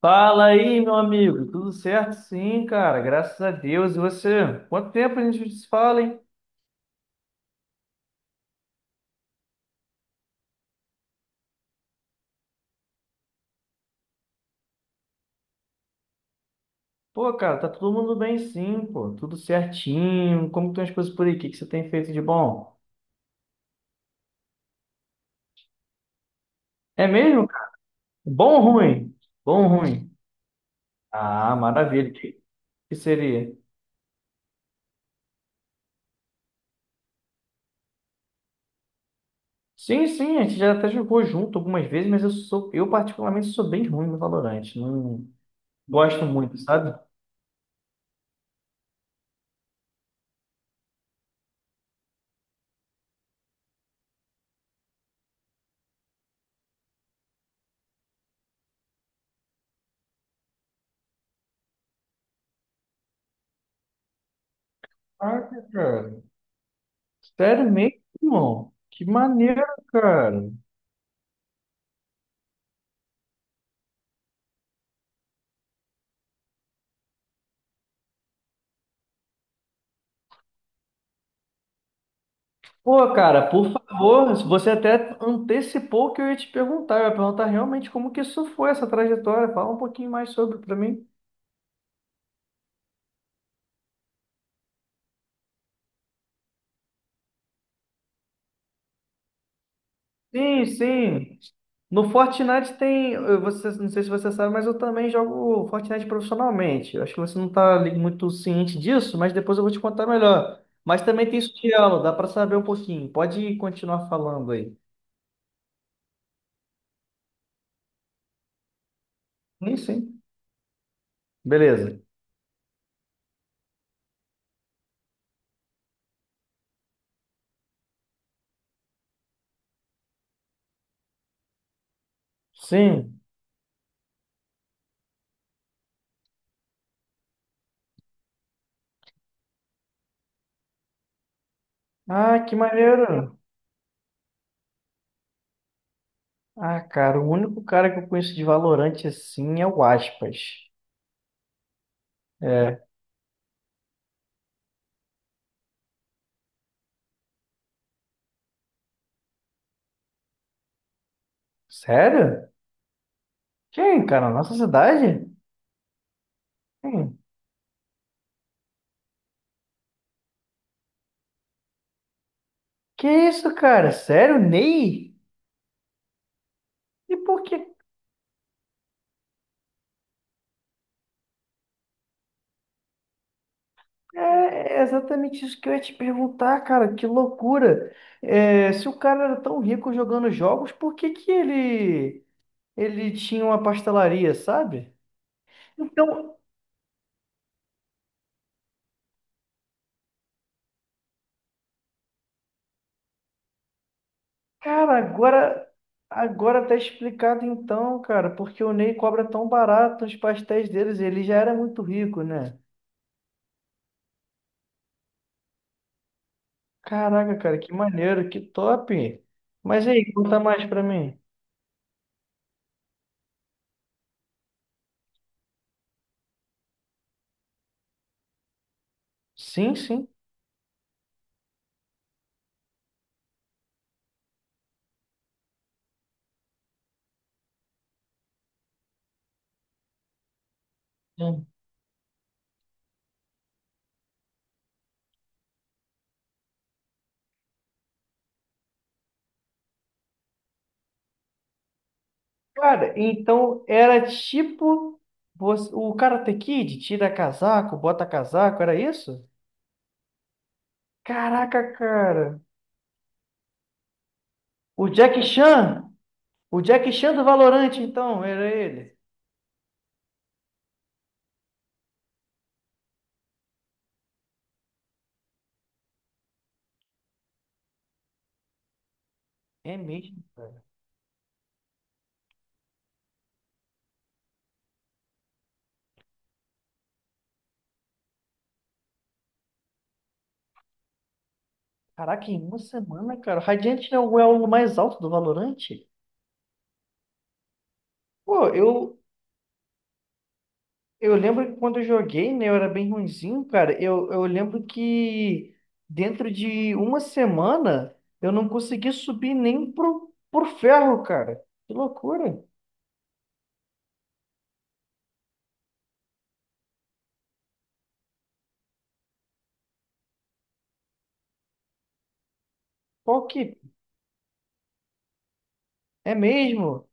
Fala aí, meu amigo. Tudo certo? Sim, cara. Graças a Deus. E você? Quanto tempo a gente se fala, hein? Pô, cara, tá todo mundo bem sim, pô. Tudo certinho. Como estão as coisas por aí? O que que você tem feito de bom? É mesmo, cara? Bom ou ruim? Bom ou ruim? Ah, maravilha. Que que seria? Sim, sim, a gente já até jogou junto algumas vezes, mas eu particularmente sou bem ruim no Valorant. Não gosto muito, sabe? Caraca, cara. Sério mesmo, irmão? Que maneiro, cara. Pô, cara, por favor, você até antecipou o que eu ia te perguntar. Eu ia perguntar realmente como que isso foi, essa trajetória. Fala um pouquinho mais sobre pra mim. Sim, sim. No Fortnite tem, você, não sei se você sabe, mas eu também jogo Fortnite profissionalmente. Eu acho que você não está muito ciente disso, mas depois eu vou te contar melhor. Mas também tem sutiã, dá para saber um pouquinho. Pode continuar falando aí. Sim, sim. Beleza. Sim. Ah, que maneiro. Ah, cara, o único cara que eu conheço de Valorante assim é o Aspas. É. Sério? Quem, cara? Nossa cidade? Quem? Que isso, cara? Sério, Ney? E por que? É exatamente isso que eu ia te perguntar, cara. Que loucura. É, se o cara era tão rico jogando jogos, por que que ele tinha uma pastelaria, sabe? Então, cara, agora tá explicado então, cara, porque o Ney cobra tão barato os pastéis deles, ele já era muito rico, né? Caraca, cara, que maneiro, que top. Mas aí, conta mais pra mim. Sim, sim. Sim. Cara, então era tipo o Karate Kid, tira casaco, bota casaco, era isso? Caraca, cara. O Jack Chan, o Jack Chan do Valorante, então, era ele. É mesmo. Caraca, em uma semana, cara. O Radiant é o elo mais alto do Valorant? Pô, eu lembro que quando eu joguei, né, eu era bem ruinzinho, cara. Eu lembro que dentro de uma semana eu não consegui subir nem pro ferro, cara. Que loucura. Qual que é mesmo?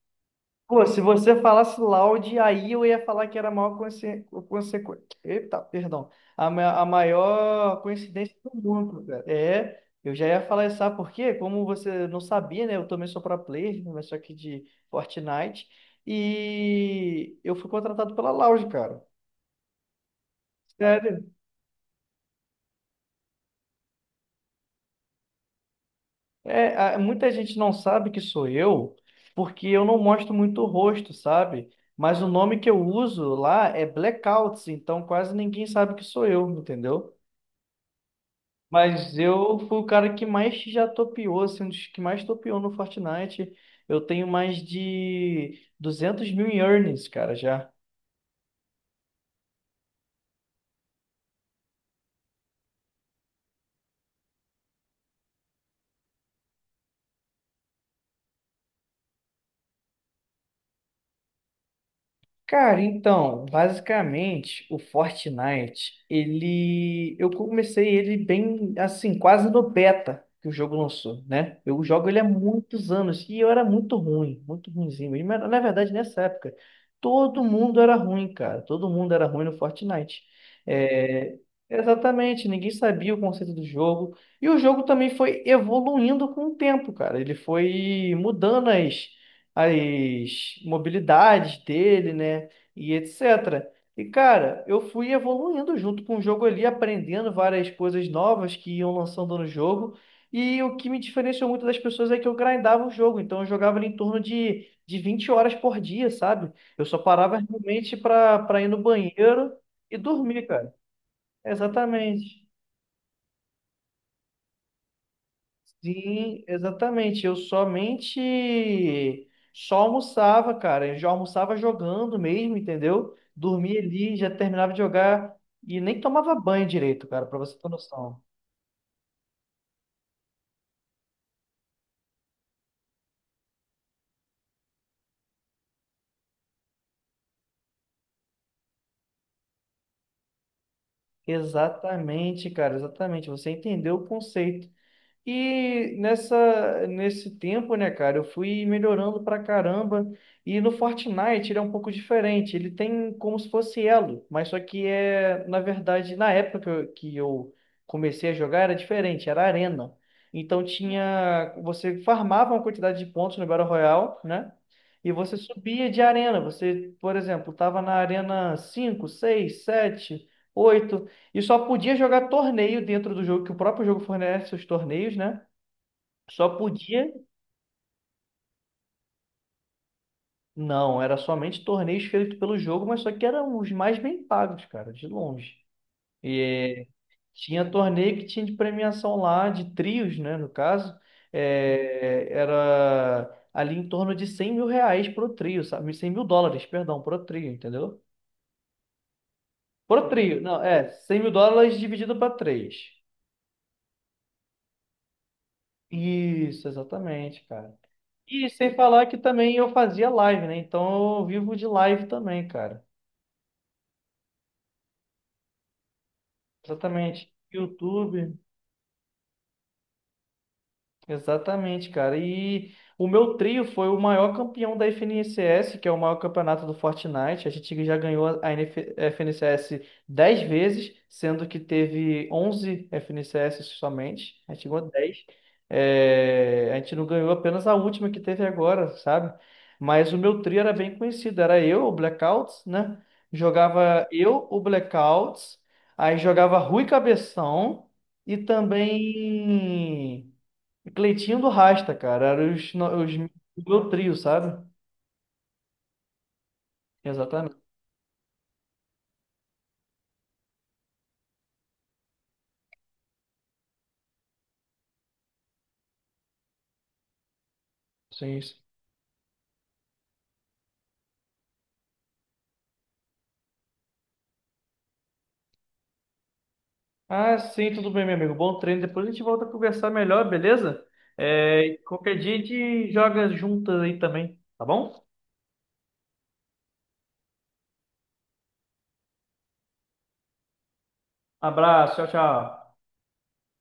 Pô, se você falasse Loud, aí eu ia falar que era a maior consequência. Eita, perdão. A maior coincidência do mundo, cara. É, eu já ia falar isso, sabe por quê? Como você não sabia, né? Eu também sou pro player, né, mas só que de Fortnite. E eu fui contratado pela Loud, cara. Sério. É, muita gente não sabe que sou eu, porque eu não mostro muito o rosto, sabe? Mas o nome que eu uso lá é Blackouts, então quase ninguém sabe que sou eu, entendeu? Mas eu fui o cara que mais já topeou, assim, um dos que mais topeou no Fortnite. Eu tenho mais de 200 mil em earnings, cara, já. Cara, então, basicamente, o Fortnite, ele, eu comecei ele bem, assim, quase no beta que o jogo lançou, né? Eu jogo ele há muitos anos e eu era muito ruim, muito ruinzinho. E, mas, na verdade, nessa época, todo mundo era ruim, cara. Todo mundo era ruim no Fortnite. É, exatamente, ninguém sabia o conceito do jogo. E o jogo também foi evoluindo com o tempo, cara. Ele foi mudando as mobilidades dele, né? E etc. E, cara, eu fui evoluindo junto com o jogo ali, aprendendo várias coisas novas que iam lançando no jogo. E o que me diferenciou muito das pessoas é que eu grindava o jogo. Então, eu jogava ali em torno de 20 horas por dia, sabe? Eu só parava realmente para ir no banheiro e dormir, cara. Exatamente. Sim, exatamente. Eu somente só almoçava, cara. Eu já almoçava jogando mesmo, entendeu? Dormia ali, já terminava de jogar e nem tomava banho direito, cara, pra você ter noção. Exatamente, cara, exatamente. Você entendeu o conceito. E nessa, nesse tempo, né, cara, eu fui melhorando pra caramba. E no Fortnite ele é um pouco diferente. Ele tem como se fosse elo, mas só que é, na verdade, na época que eu comecei a jogar era diferente, era arena. Então tinha, você farmava uma quantidade de pontos no Battle Royale, né? E você subia de arena. Você, por exemplo, estava na arena 5 6 7 8 e só podia jogar torneio dentro do jogo, que o próprio jogo fornece os torneios, né? Só podia. Não, era somente torneios feitos pelo jogo, mas só que eram os mais bem pagos, cara, de longe. E tinha torneio que tinha de premiação lá, de trios, né? No caso, era ali em torno de 100 mil reais pro trio, sabe? 100 mil dólares, perdão, pro trio, entendeu? Pro trio, não, é, 100 mil dólares dividido para 3. Isso, exatamente, cara. E sem falar que também eu fazia live, né? Então eu vivo de live também, cara. Exatamente. YouTube. Exatamente, cara. E o meu trio foi o maior campeão da FNCS, que é o maior campeonato do Fortnite. A gente já ganhou a NF FNCS 10 vezes, sendo que teve 11 FNCS somente. A gente ganhou dez. É, a gente não ganhou apenas a última que teve agora, sabe? Mas o meu trio era bem conhecido. Era eu, o Blackouts, né? Jogava eu, o Blackouts. Aí jogava Rui Cabeção e também. Cleitinho do Rasta, cara. Era os, os do meu trio, sabe? Exatamente. Sim, isso. Ah, sim, tudo bem, meu amigo. Bom treino. Depois a gente volta a conversar melhor, beleza? É, qualquer dia a gente joga juntas aí também, tá bom? Abraço, tchau, tchau.